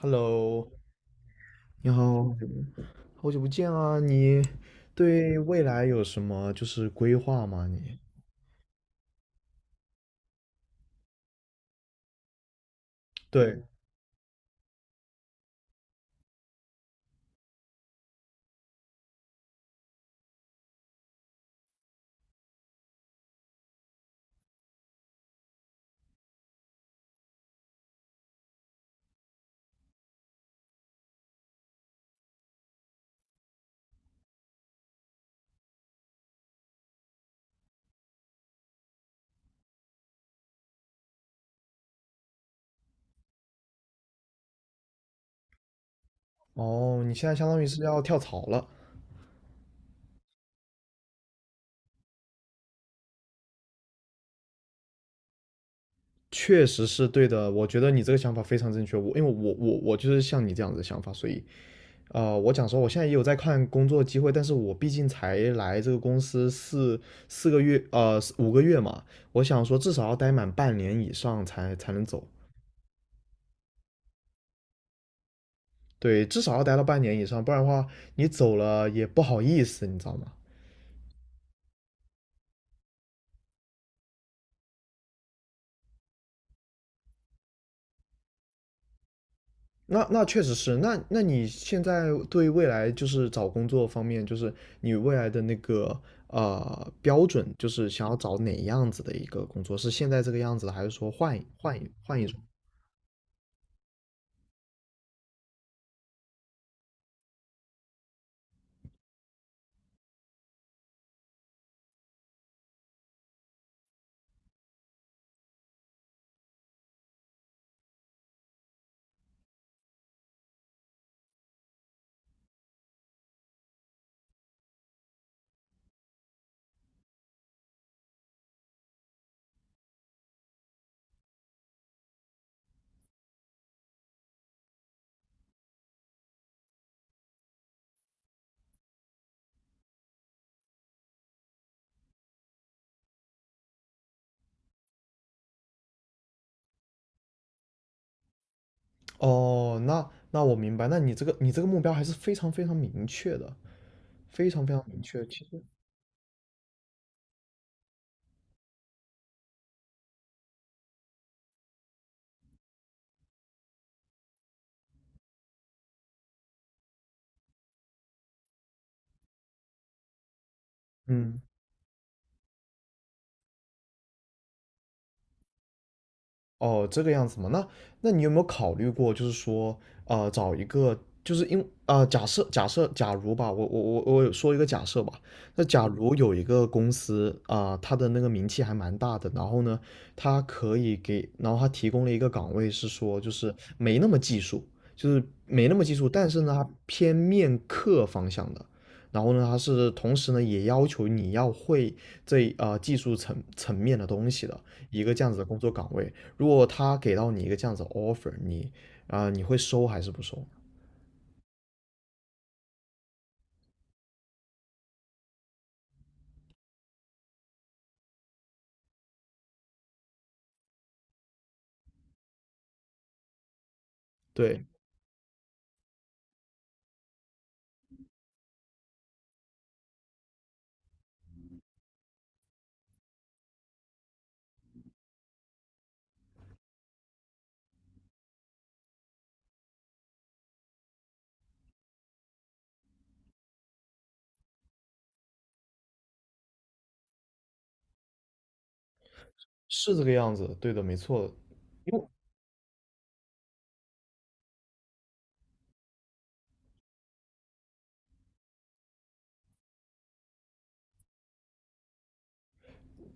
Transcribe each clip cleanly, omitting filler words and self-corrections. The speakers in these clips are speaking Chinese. Hello，你好，好久不见啊！你对未来有什么就是规划吗？对哦，你现在相当于是要跳槽了，确实是对的。我觉得你这个想法非常正确。因为我就是像你这样子的想法，所以我讲说我现在也有在看工作机会，但是我毕竟才来这个公司四个月五个月嘛，我想说至少要待满半年以上才能走。对，至少要待到半年以上，不然的话你走了也不好意思，你知道吗？那那确实是，那你现在对未来就是找工作方面，就是你未来的那个标准，就是想要找哪样子的一个工作？是现在这个样子的，还是说换一种？哦，那那我明白，那你这个目标还是非常非常明确的，非常非常明确。其实，嗯哦，这个样子嘛，那那你有没有考虑过，就是说，呃，找一个，就是因，呃，假设假设假如吧，我有说一个假设吧，那假如有一个公司啊，呃它的那个名气还蛮大的，然后呢，它可以给，然后它提供了一个岗位，是说就是没那么技术，就是没那么技术，但是呢，它偏面客方向的。然后呢，它是同时呢也要求你要会这啊技术层面的东西的一个这样子的工作岗位，如果他给到你一个这样子的 offer，你你会收还是不收？对，是这个样子，对的，没错。因为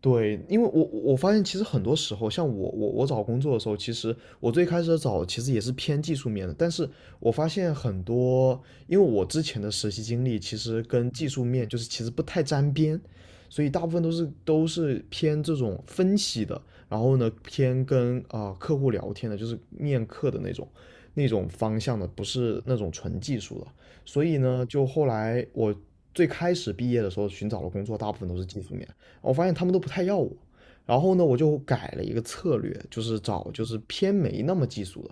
对，因为我发现其实很多时候，像我找工作的时候，其实我最开始找其实也是偏技术面的，但是我发现很多，因为我之前的实习经历其实跟技术面就是其实不太沾边，所以大部分都是偏这种分析的，然后呢偏跟客户聊天的，就是面客的那种方向的，不是那种纯技术的，所以呢，就后来我最开始毕业的时候寻找的工作，大部分都是技术面。我发现他们都不太要我。然后呢，我就改了一个策略，就是找就是偏没那么技术的。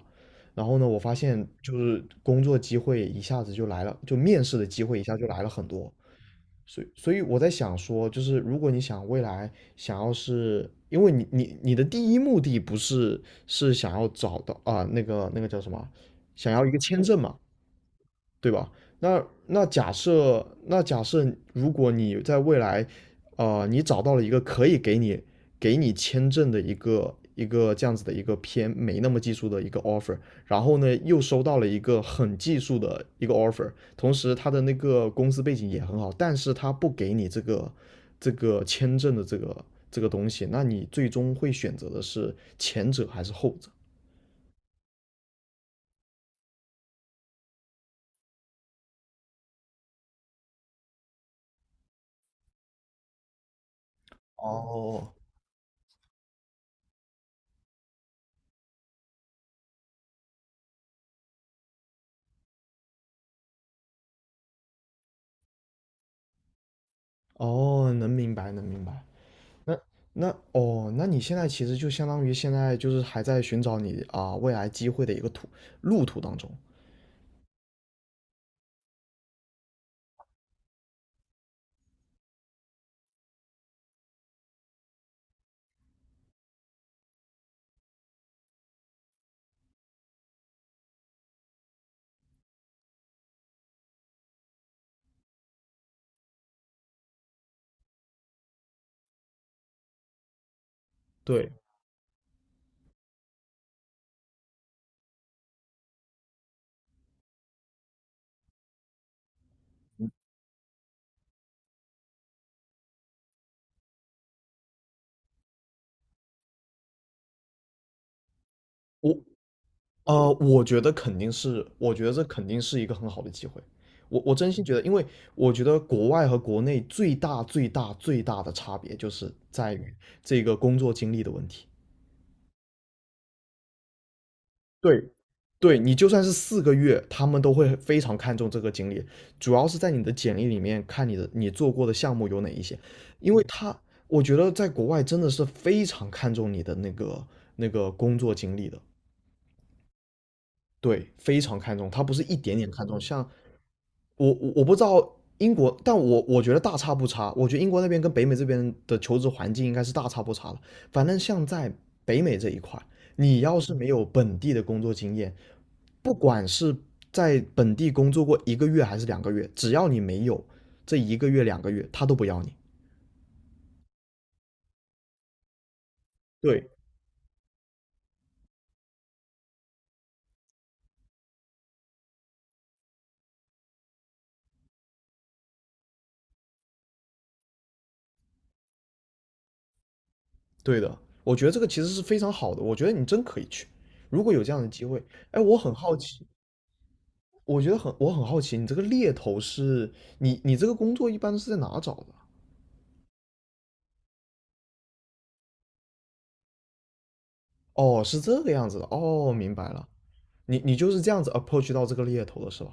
然后呢，我发现就是工作机会一下子就来了，就面试的机会一下就来了很多。所以我在想说，就是如果你想未来想要是，因为你的第一目的不是是想要找到那个那个叫什么，想要一个签证嘛？对吧？那那假设，那假设如果你在未来，呃，你找到了一个可以给你签证的一个这样子的一个偏没那么技术的一个 offer，然后呢又收到了一个很技术的一个 offer，同时他的那个公司背景也很好，但是他不给你这个这个签证的这个东西，那你最终会选择的是前者还是后者？哦，哦，能明白，能明白。那那哦，那你现在其实就相当于现在就是还在寻找你未来机会的一个路途当中。对，我我觉得肯定是，我觉得这肯定是一个很好的机会。我我真心觉得，因为我觉得国外和国内最大的差别就是在于这个工作经历的问题。对，对你就算是四个月，他们都会非常看重这个经历，主要是在你的简历里面看你的你做过的项目有哪一些，因为他我觉得在国外真的是非常看重你的那个那个工作经历的，对，非常看重，他不是一点点看重，像我不知道英国，但我觉得大差不差。我觉得英国那边跟北美这边的求职环境应该是大差不差的。反正像在北美这一块，你要是没有本地的工作经验，不管是在本地工作过一个月还是两个月，只要你没有这一个月两个月，他都不要你。对，对的，我觉得这个其实是非常好的。我觉得你真可以去，如果有这样的机会。哎，我很好奇，我觉得很，我很好奇，你这个工作一般是在哪找的？哦，是这个样子的，哦，明白了，你你就是这样子 approach 到这个猎头的是吧？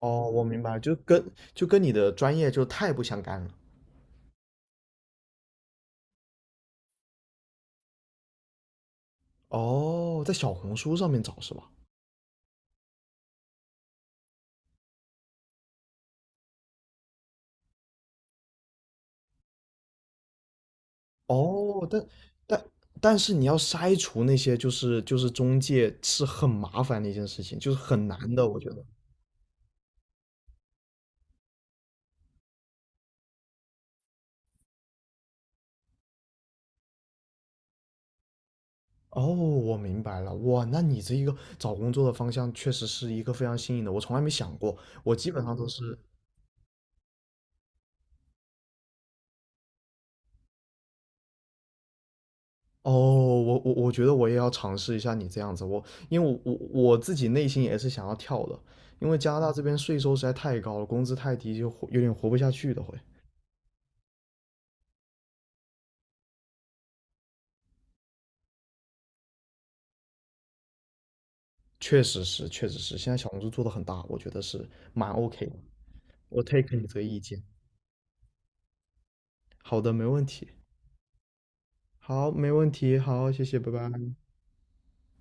哦，我明白，就跟你的专业就太不相干了。哦，在小红书上面找是吧？哦，但但但是你要筛除那些就是中介是很麻烦的一件事情，就是很难的，我觉得。哦，我明白了，哇，那你这一个找工作的方向确实是一个非常新颖的，我从来没想过，我基本上都是哦，我觉得我也要尝试一下你这样子，我因为我我自己内心也是想要跳的，因为加拿大这边税收实在太高了，工资太低就活有点活不下去的会。确实是，确实是，现在小红书做的很大，我觉得是蛮 OK 的。我 take 你这个意见，好的，没问题，好，没问题，好，谢谢，拜拜。